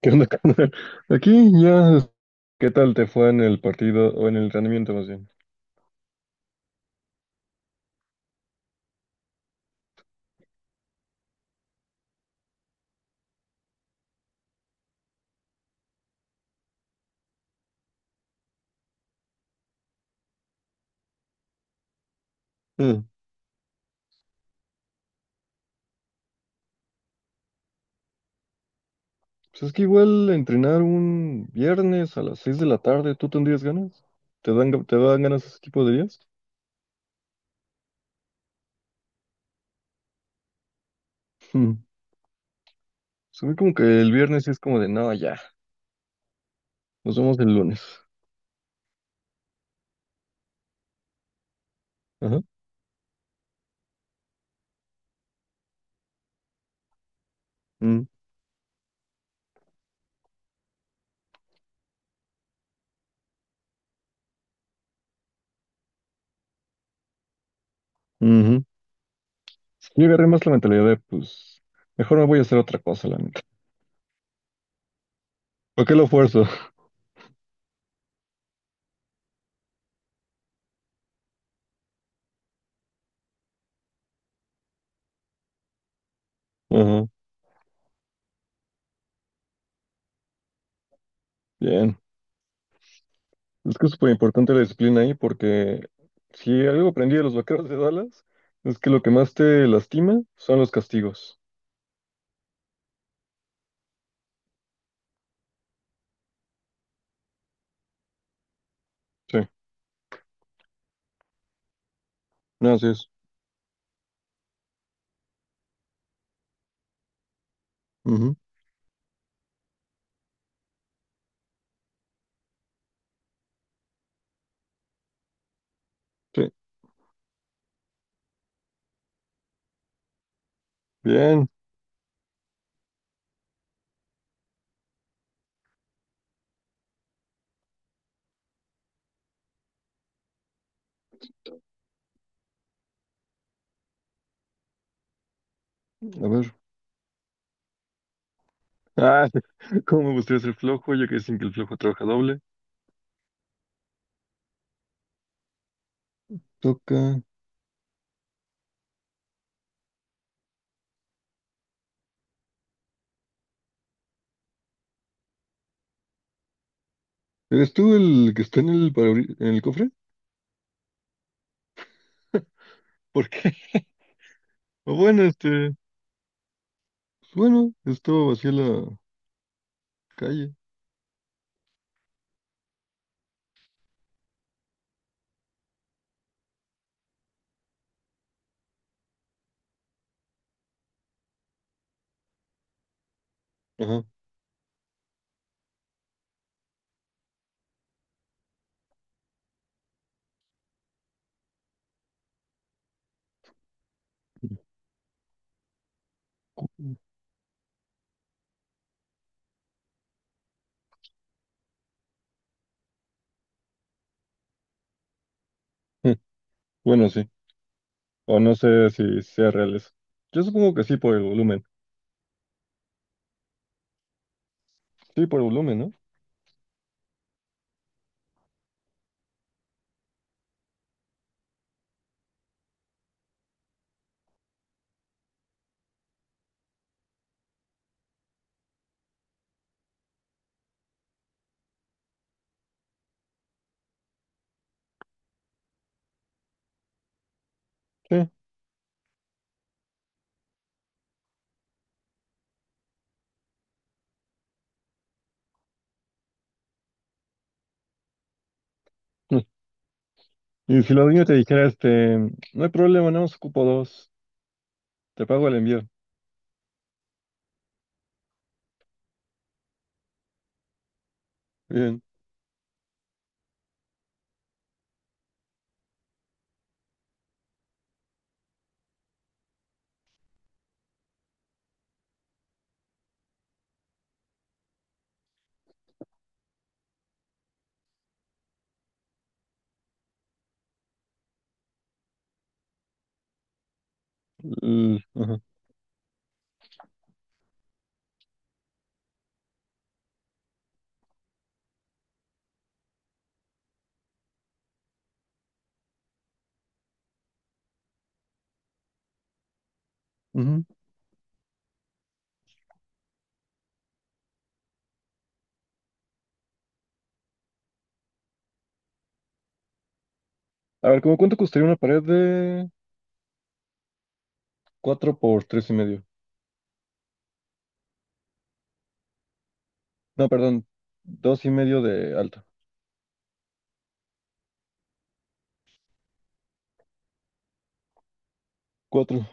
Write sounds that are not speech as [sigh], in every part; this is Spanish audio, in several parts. ¿Qué onda, [laughs] carnal? Aquí ya, ¿qué tal te fue en el partido o en el entrenamiento más bien? Mm. Pues es que igual entrenar un viernes a las 6 de la tarde, ¿tú tendrías ganas? ¿Te dan ganas ese tipo de días? Mm. Pues a mí como que el viernes sí es como de, no, ya, nos vemos el lunes. Ajá. Mm. Ujú. Yo agarré más la mentalidad de, pues, mejor me voy a hacer otra cosa, la neta. ¿Por qué lo fuerzo? Ajá. Bien. Es que es súper importante la disciplina ahí porque si algo aprendí de los vaqueros de Dallas es que lo que más te lastima son los castigos. Sí, no, así es. Ujú. Sí, bien, a ver. Ah, [laughs] ¿cómo me gustaría ser flojo? Ya que dicen que el flojo trabaja doble. Toca. ¿Eres tú el que está en el cofre? ¿Por qué? [laughs] O bueno, este, pues bueno, esto vacía la calle. Ajá. [laughs] Mm. Bueno, sí. O no sé si sea real eso. Yo supongo que sí por el volumen. Sí, por el volumen, ¿no? Sí. Y si los niños te dijera, este, no hay problema, no os ocupo dos, te pago el envío. Bien. Ajá, ujú. A ver, ¿cómo cuánto costaría una pared de cuatro por tres y medio? No, perdón, dos y medio de alto. Cuatro.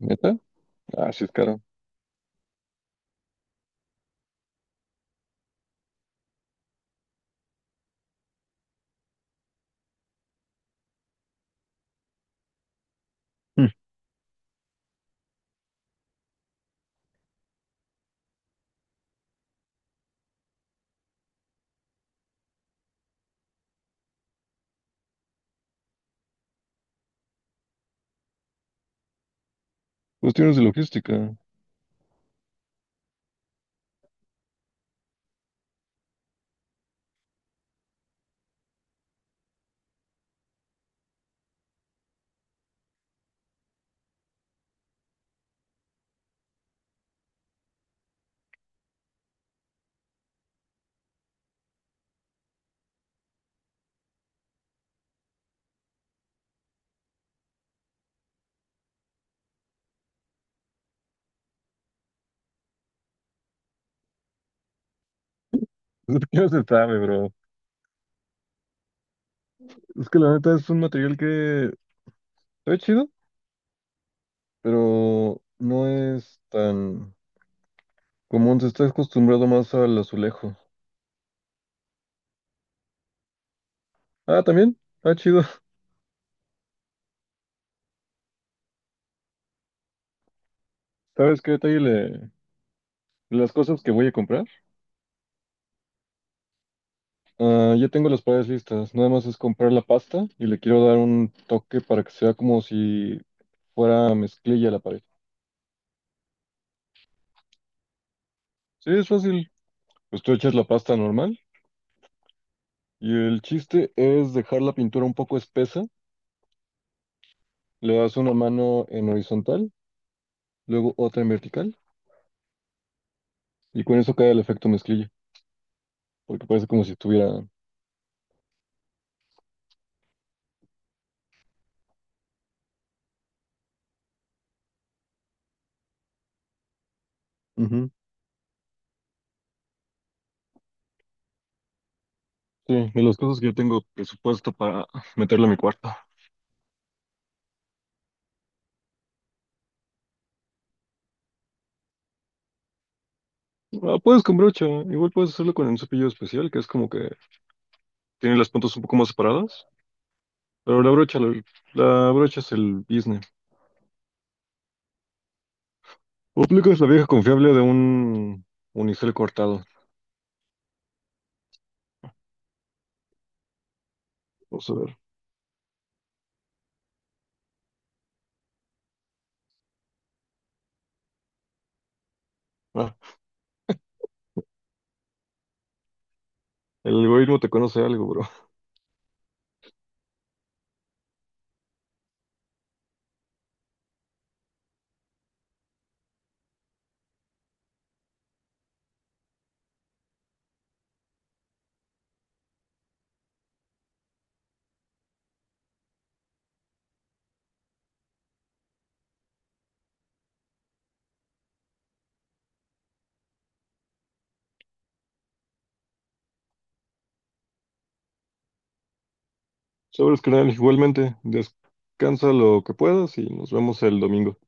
¿Neta? Ah, sí es caro. Mm. Cuestiones de logística. [laughs] Es no se sabe, bro. Es que la neta es un material que está chido, pero no es tan común. Se está acostumbrado más al azulejo. Ah, también. Está chido. [laughs] ¿Sabes qué detalle le? Las cosas que voy a comprar, ah, ya tengo las paredes listas. Nada más es comprar la pasta y le quiero dar un toque para que sea como si fuera mezclilla la pared. Sí, es fácil. Pues tú echas la pasta normal y el chiste es dejar la pintura un poco espesa. Le das una mano en horizontal, luego otra en vertical y con eso cae el efecto mezclilla, porque parece como si estuviera. Ujú. Sí, de las cosas que yo tengo presupuesto para meterlo a mi cuarto. Ah, puedes con brocha, igual puedes hacerlo con un cepillo especial, que es como que tiene las puntas un poco más separadas, pero la brocha, la brocha es el business. O aplicas la vieja confiable de un unicel cortado. Vamos a ver. Ah, el algoritmo te conoce algo, bro. [laughs] Sabes, carnal, igualmente, descansa lo que puedas y nos vemos el domingo.